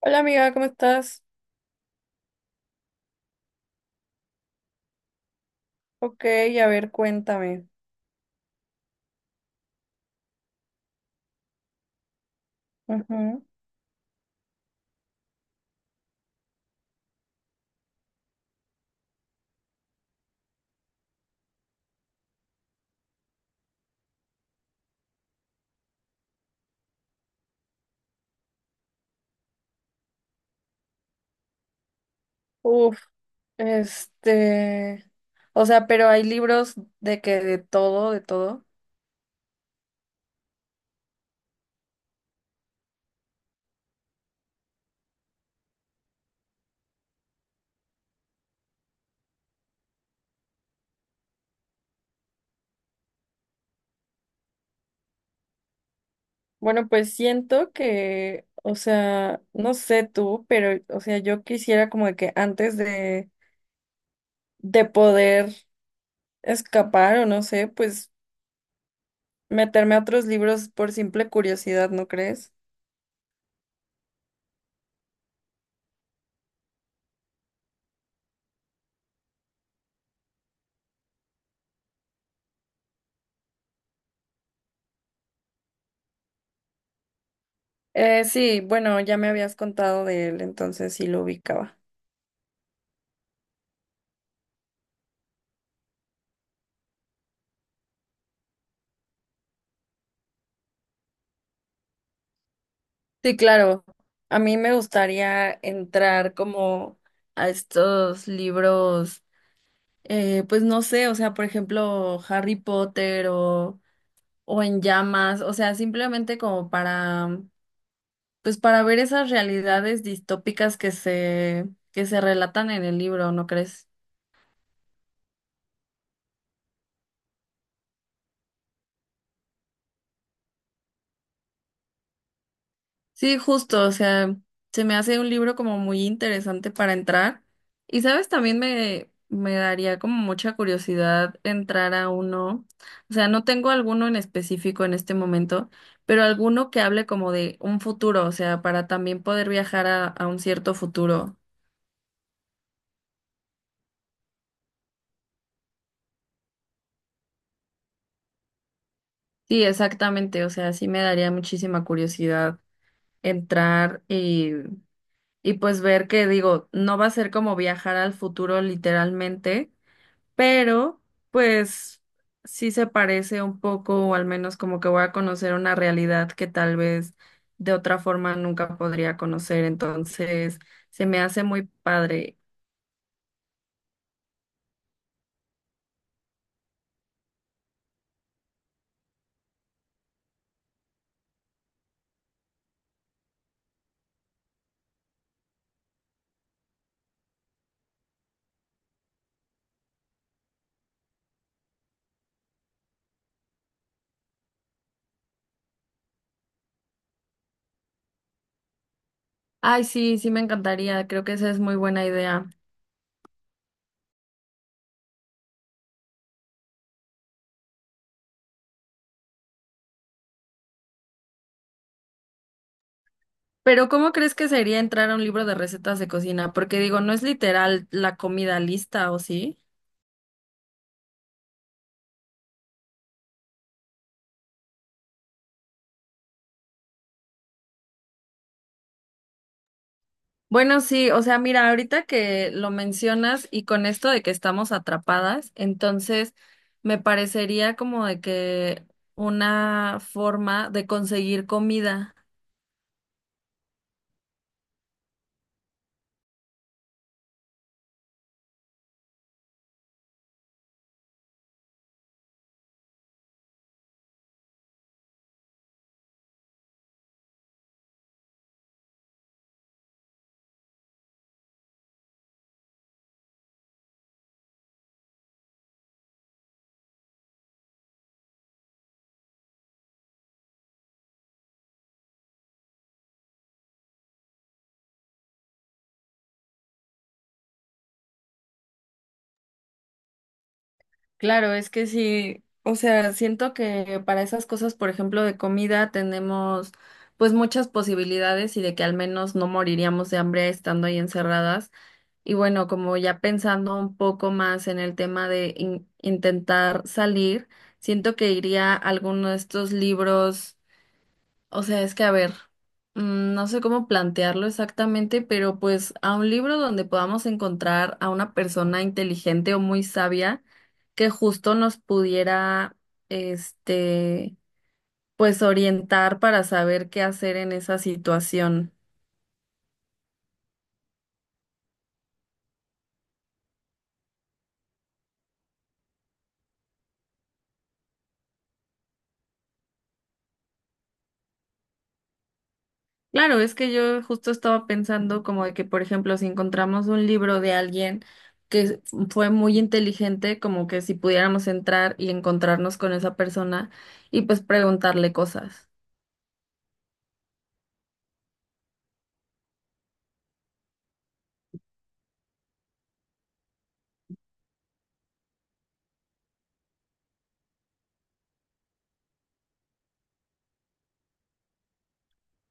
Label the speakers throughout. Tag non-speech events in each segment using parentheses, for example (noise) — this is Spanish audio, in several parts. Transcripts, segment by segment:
Speaker 1: Hola amiga, ¿cómo estás? Ok, a ver, cuéntame. Ujú. Uf, este, o sea, pero hay libros de todo, de todo. Bueno, pues siento que, o sea, no sé tú, pero, o sea, yo quisiera como de que de poder escapar o no sé, pues meterme a otros libros por simple curiosidad, ¿no crees? Sí, bueno, ya me habías contado de él, entonces sí lo ubicaba. Sí, claro. A mí me gustaría entrar como a estos libros, pues no sé, o sea, por ejemplo, Harry Potter o En Llamas, o sea, simplemente como para, pues para ver esas realidades distópicas que se relatan en el libro, ¿no crees? Sí, justo, o sea, se me hace un libro como muy interesante para entrar. Y sabes, me daría como mucha curiosidad entrar a uno, o sea, no tengo alguno en específico en este momento, pero alguno que hable como de un futuro, o sea, para también poder viajar a un cierto futuro. Sí, exactamente, o sea, sí me daría muchísima curiosidad entrar y, y pues ver que digo, no va a ser como viajar al futuro literalmente pero pues sí se parece un poco, o al menos como que voy a conocer una realidad que tal vez de otra forma nunca podría conocer, entonces se me hace muy padre. Ay, sí, sí me encantaría, creo que esa es muy buena idea. Pero ¿cómo crees que sería entrar a un libro de recetas de cocina? Porque digo, no es literal la comida lista, ¿o sí? Bueno, sí, o sea, mira, ahorita que lo mencionas y con esto de que estamos atrapadas, entonces me parecería como de que una forma de conseguir comida. Claro, es que sí, o sea, siento que para esas cosas, por ejemplo, de comida tenemos pues muchas posibilidades y de que al menos no moriríamos de hambre estando ahí encerradas. Y bueno, como ya pensando un poco más en el tema de intentar salir, siento que iría a alguno de estos libros, o sea, es que a ver, no sé cómo plantearlo exactamente, pero pues a un libro donde podamos encontrar a una persona inteligente o muy sabia que justo nos pudiera, este, pues orientar para saber qué hacer en esa situación. Claro, es que yo justo estaba pensando como de que, por ejemplo, si encontramos un libro de alguien que fue muy inteligente, como que si pudiéramos entrar y encontrarnos con esa persona y pues preguntarle cosas.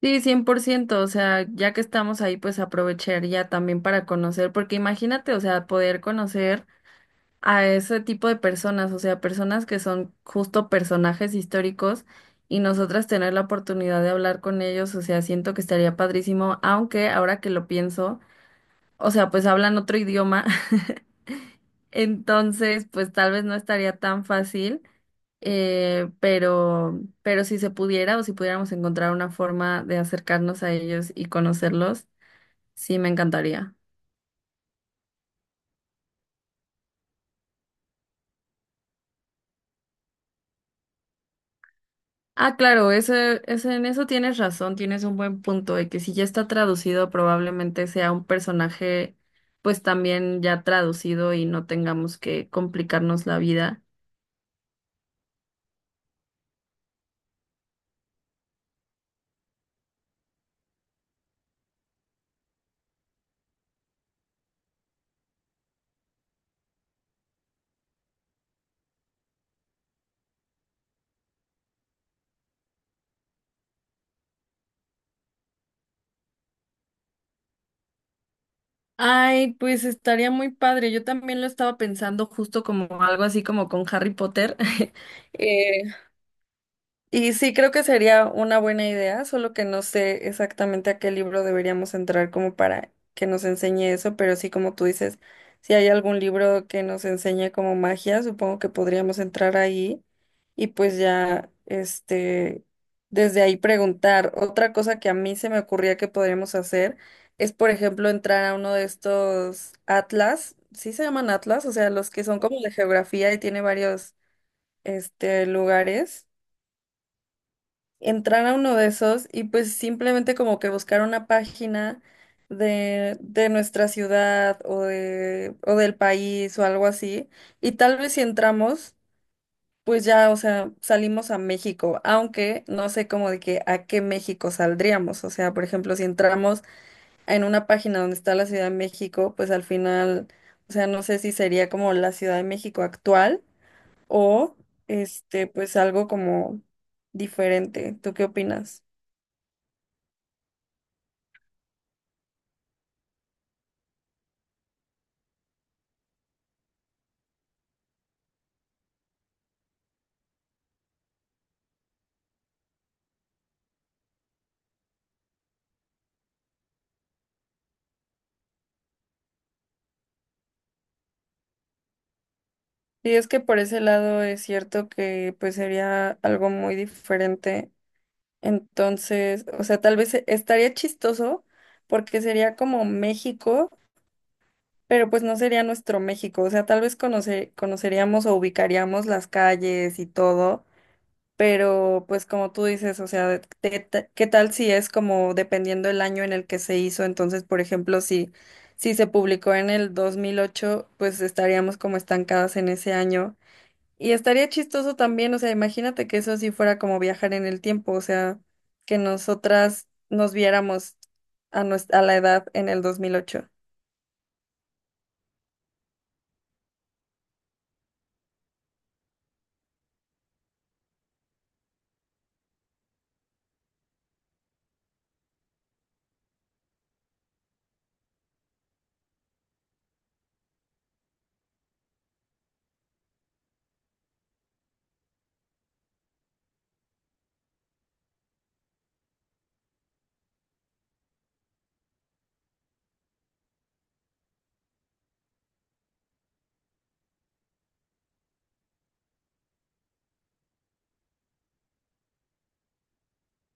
Speaker 1: Sí, 100%. O sea, ya que estamos ahí, pues aprovechar ya también para conocer, porque imagínate, o sea, poder conocer a ese tipo de personas, o sea, personas que son justo personajes históricos y nosotras tener la oportunidad de hablar con ellos, o sea, siento que estaría padrísimo, aunque ahora que lo pienso, o sea, pues hablan otro idioma, (laughs) entonces, pues tal vez no estaría tan fácil, pero si se pudiera o si pudiéramos encontrar una forma de acercarnos a ellos y conocerlos, sí me encantaría. Ah, claro, en eso tienes razón, tienes un buen punto de que si ya está traducido, probablemente sea un personaje, pues también ya traducido y no tengamos que complicarnos la vida. Ay, pues estaría muy padre. Yo también lo estaba pensando justo como algo así como con Harry Potter. (laughs) Eh, Y sí, creo que sería una buena idea, solo que no sé exactamente a qué libro deberíamos entrar como para que nos enseñe eso, pero sí, como tú dices, si hay algún libro que nos enseñe como magia, supongo que podríamos entrar ahí y pues ya, desde ahí preguntar. Otra cosa que a mí se me ocurría que podríamos hacer es, por ejemplo, entrar a uno de estos atlas, sí se llaman atlas, o sea, los que son como de geografía y tiene varios, lugares, entrar a uno de esos y pues simplemente como que buscar una página de nuestra ciudad o del país o algo así. Y tal vez si entramos, pues ya, o sea, salimos a México, aunque no sé como de que a qué México saldríamos. O sea, por ejemplo, si entramos en una página donde está la Ciudad de México, pues al final, o sea, no sé si sería como la Ciudad de México actual o pues algo como diferente. ¿Tú qué opinas? Y es que por ese lado es cierto que pues sería algo muy diferente. Entonces, o sea, tal vez estaría chistoso porque sería como México, pero pues no sería nuestro México. O sea, tal vez conoceríamos o ubicaríamos las calles y todo, pero pues como tú dices, o sea, ¿qué tal si es como dependiendo el año en el que se hizo? Entonces, por ejemplo, si se publicó en el 2008 pues estaríamos como estancadas en ese año. Y estaría chistoso también, o sea, imagínate que eso sí fuera como viajar en el tiempo, o sea, que nosotras nos viéramos a la edad en el 2008.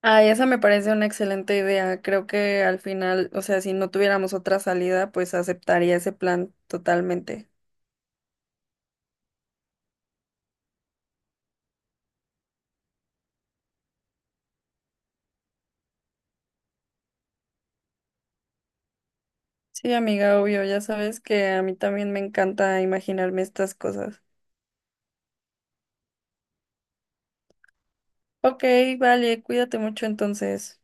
Speaker 1: Ay, esa me parece una excelente idea. Creo que al final, o sea, si no tuviéramos otra salida, pues aceptaría ese plan totalmente. Sí, amiga, obvio, ya sabes que a mí también me encanta imaginarme estas cosas. Ok, vale, cuídate mucho entonces.